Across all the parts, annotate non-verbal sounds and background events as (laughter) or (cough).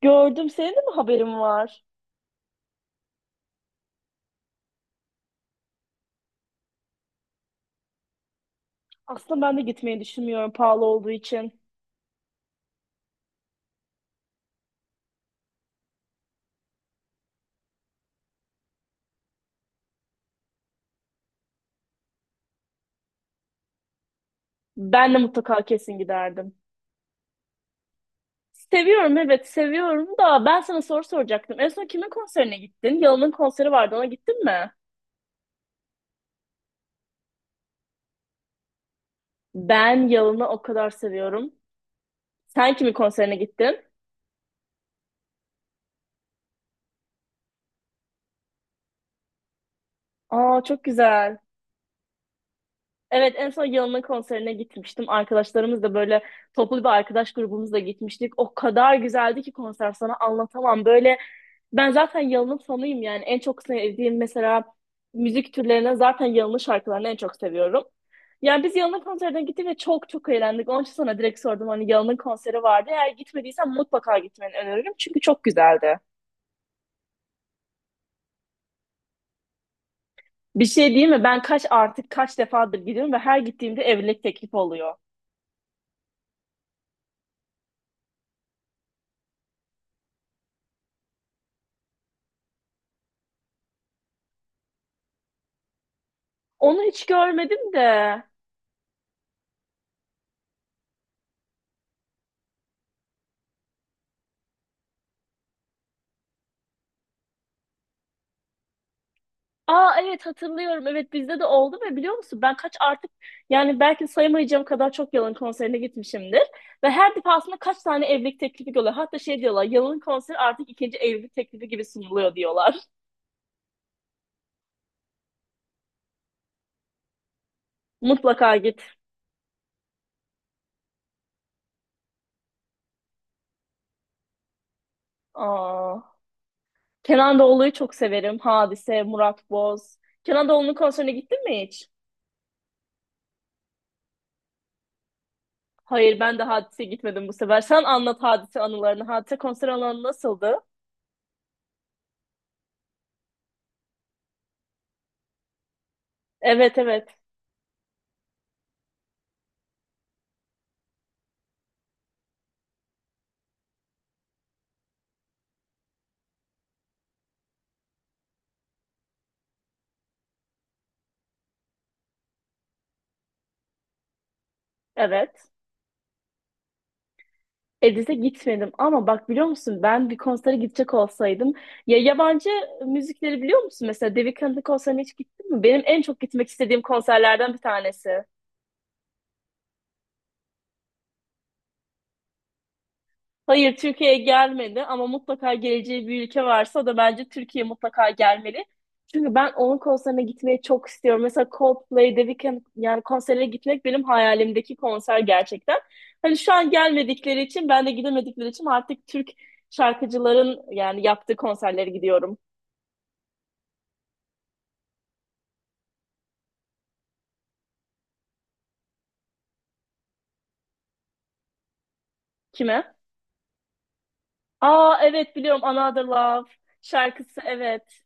Gördüm. Senin de mi haberin var? Aslında ben de gitmeyi düşünmüyorum pahalı olduğu için. Ben de mutlaka kesin giderdim. Seviyorum, evet, seviyorum da ben sana soru soracaktım. En son kimin konserine gittin? Yalın'ın konseri vardı, ona gittin mi? Ben Yalın'ı o kadar seviyorum. Sen kimin konserine gittin? Aa, çok güzel. Evet, en son Yılan'ın konserine gitmiştim. Arkadaşlarımız da böyle toplu bir arkadaş grubumuzla gitmiştik. O kadar güzeldi ki konser, sana anlatamam. Böyle, ben zaten Yılan'ın fanıyım yani. En çok sevdiğim mesela müzik türlerine zaten Yılan'ın şarkılarını en çok seviyorum. Yani biz Yılan'ın konserine gittik ve çok eğlendik. Onun için sana direkt sordum, hani Yılan'ın konseri vardı. Eğer gitmediysen mutlaka gitmeni öneririm. Çünkü çok güzeldi. Bir şey değil mi? Ben kaç artık, kaç defadır gidiyorum ve her gittiğimde evlilik teklif oluyor. Onu hiç görmedim de. Aa, evet, hatırlıyorum. Evet, bizde de oldu ve biliyor musun, ben kaç artık, yani belki sayamayacağım kadar çok Yalın konserine gitmişimdir. Ve her defasında kaç tane evlilik teklifi görüyorlar. Hatta şey diyorlar, Yalın konseri artık ikinci evlilik teklifi gibi sunuluyor diyorlar. (laughs) Mutlaka git. Aa, Kenan Doğulu'yu çok severim. Hadise, Murat Boz. Kenan Doğulu'nun konserine gittin mi hiç? Hayır, ben de Hadise'ye gitmedim bu sefer. Sen anlat Hadise anılarını. Hadise konser alanı nasıldı? Evet, evet. Evet. Edis'e gitmedim ama bak, biliyor musun, ben bir konsere gidecek olsaydım, ya, yabancı müzikleri biliyor musun? Mesela David Weeknd'in konserine hiç gittin mi? Benim en çok gitmek istediğim konserlerden bir tanesi. Hayır, Türkiye'ye gelmedi ama mutlaka geleceği bir ülke varsa o da bence Türkiye, mutlaka gelmeli. Çünkü ben onun konserine gitmeyi çok istiyorum. Mesela Coldplay, The Weeknd yani konserine gitmek benim hayalimdeki konser gerçekten. Hani şu an gelmedikleri için, ben de gidemedikleri için artık Türk şarkıcıların yani yaptığı konserlere gidiyorum. Kime? Aa, evet, biliyorum, Another Love şarkısı, evet.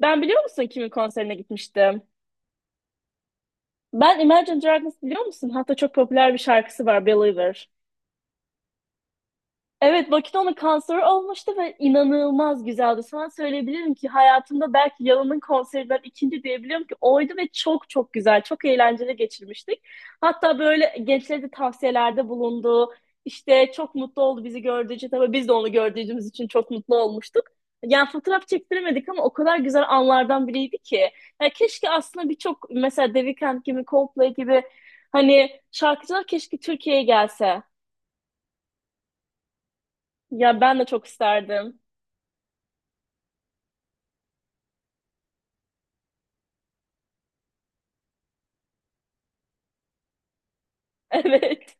Ben, biliyor musun, kimin konserine gitmiştim? Ben Imagine Dragons, biliyor musun? Hatta çok popüler bir şarkısı var, Believer. Evet, Bakito'nun kanseri olmuştu ve inanılmaz güzeldi. Sana söyleyebilirim ki hayatımda belki Yalın'ın konserinden ikinci diyebiliyorum ki oydu ve çok çok güzel, çok eğlenceli geçirmiştik. Hatta böyle gençlere de tavsiyelerde bulundu. İşte çok mutlu oldu bizi gördüğü için. Tabii biz de onu gördüğümüz için çok mutlu olmuştuk. Yani fotoğraf çektiremedik ama o kadar güzel anlardan biriydi ki. Yani keşke aslında birçok mesela The Weeknd gibi, Coldplay gibi hani şarkıcılar keşke Türkiye'ye gelse. Ya ben de çok isterdim. (laughs) Evet.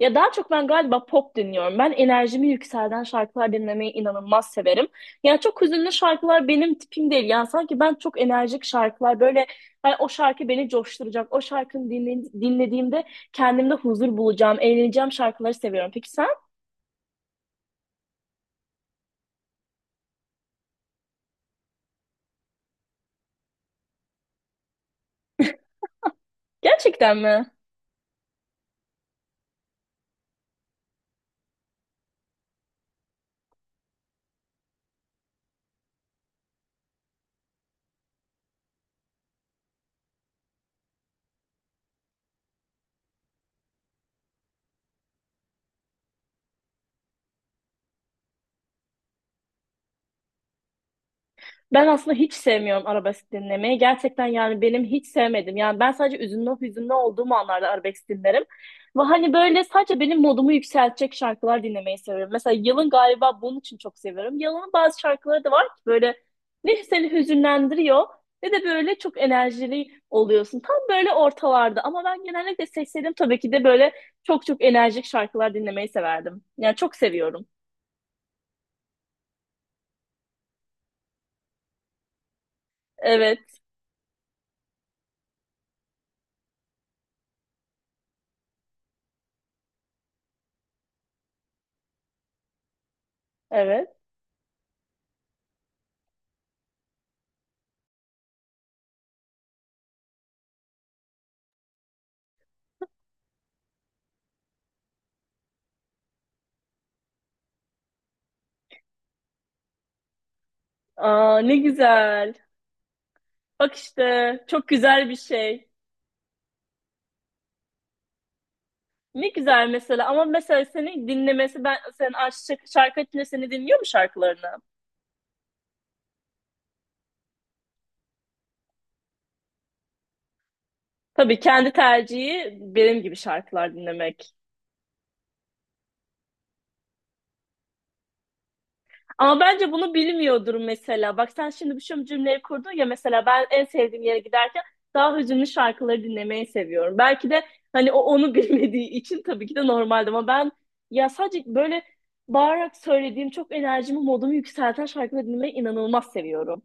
Ya daha çok ben galiba pop dinliyorum. Ben enerjimi yükselten şarkılar dinlemeyi inanılmaz severim. Yani çok hüzünlü şarkılar benim tipim değil. Yani sanki ben çok enerjik şarkılar, böyle hani, o şarkı beni coşturacak. O şarkını dinlediğimde kendimde huzur bulacağım, eğleneceğim şarkıları seviyorum. Peki sen? (laughs) Gerçekten mi? Ben aslında hiç sevmiyorum arabesk dinlemeyi. Gerçekten yani benim, hiç sevmedim. Yani ben sadece üzünlü, hüzünlü olduğum anlarda arabesk dinlerim. Ve hani böyle sadece benim modumu yükseltecek şarkılar dinlemeyi seviyorum. Mesela Yıl'ın galiba bunun için çok seviyorum. Yıl'ın bazı şarkıları da var ki böyle ne seni hüzünlendiriyor ne de böyle çok enerjili oluyorsun. Tam böyle ortalarda ama ben genellikle seçseydim tabii ki de böyle çok enerjik şarkılar dinlemeyi severdim. Yani çok seviyorum. Evet, evet. Aa, ne güzel. Bak işte, çok güzel bir şey. Ne güzel mesela, ama mesela seni dinlemesi, ben sen aşçı şarkı açınca seni dinliyor mu şarkılarını? Tabii kendi tercihi benim gibi şarkılar dinlemek. Ama bence bunu bilmiyordur mesela. Bak sen şimdi bir şu cümleyi kurdun ya, mesela ben en sevdiğim yere giderken daha hüzünlü şarkıları dinlemeyi seviyorum. Belki de hani o onu (laughs) bilmediği için tabii ki de normaldi ama ben ya sadece böyle bağırarak söylediğim çok enerjimi, modumu yükselten şarkıları dinlemeyi inanılmaz seviyorum.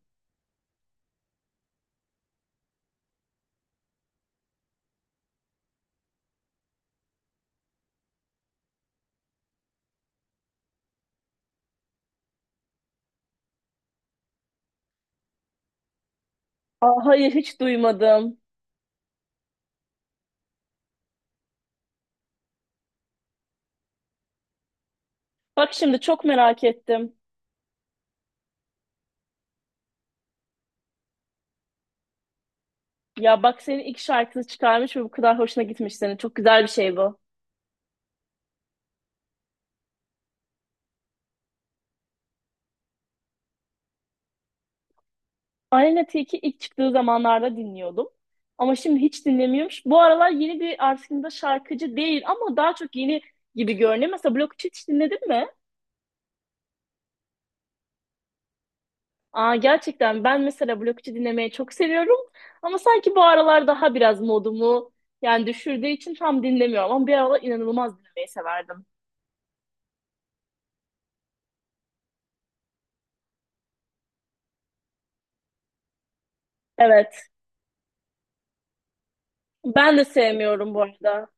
Aa, hayır, hiç duymadım. Bak şimdi, çok merak ettim. Ya bak, senin ilk şarkını çıkarmış ve bu kadar hoşuna gitmiş senin. Çok güzel bir şey bu. Aleyna Tilki ilk çıktığı zamanlarda dinliyordum. Ama şimdi hiç dinlemiyormuş. Bu aralar yeni bir aslında şarkıcı değil ama daha çok yeni gibi görünüyor. Mesela Blok 3 hiç dinledin mi? Aa, gerçekten, ben mesela Blok 3'ü dinlemeyi çok seviyorum. Ama sanki bu aralar daha biraz modumu yani düşürdüğü için tam dinlemiyorum. Ama bir aralar inanılmaz dinlemeyi severdim. Evet. Ben de sevmiyorum bu arada.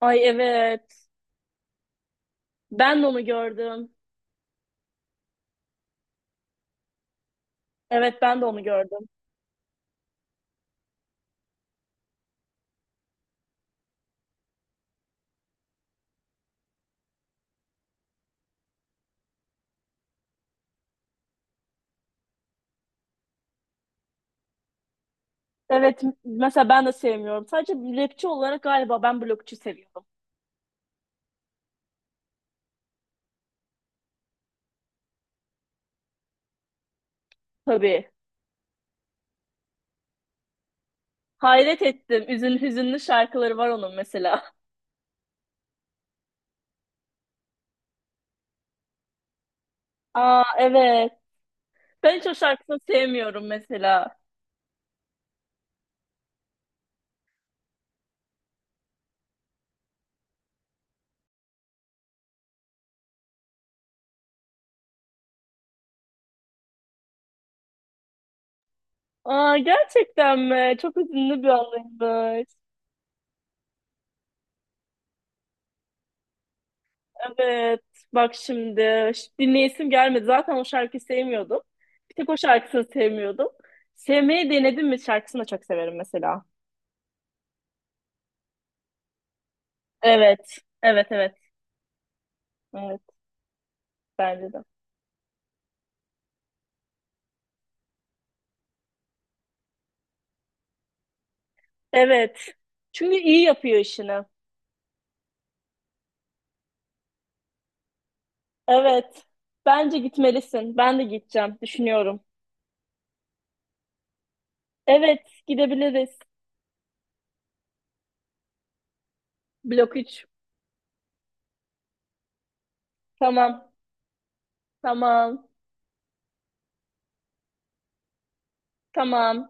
Ay, evet. Ben de onu gördüm. Evet, ben de onu gördüm. Evet, mesela ben de sevmiyorum. Sadece rapçi olarak galiba ben Blokçu seviyorum. Tabii. Hayret ettim. Üzün, hüzünlü şarkıları var onun mesela. (laughs) Aa, evet. Ben hiç o şarkısını sevmiyorum mesela. Aa, gerçekten mi? Çok hüzünlü bir anıymış. Evet. Bak şimdi. Dinleyesim gelmedi. Zaten o şarkıyı sevmiyordum. Bir tek o şarkısını sevmiyordum. Sevmeyi denedim mi şarkısını da çok severim mesela. Evet. Evet, evet. Evet. Bence de. Evet. Çünkü iyi yapıyor işini. Evet. Bence gitmelisin. Ben de gideceğim. Düşünüyorum. Evet. Gidebiliriz. Blok 3. Tamam. Tamam. Tamam.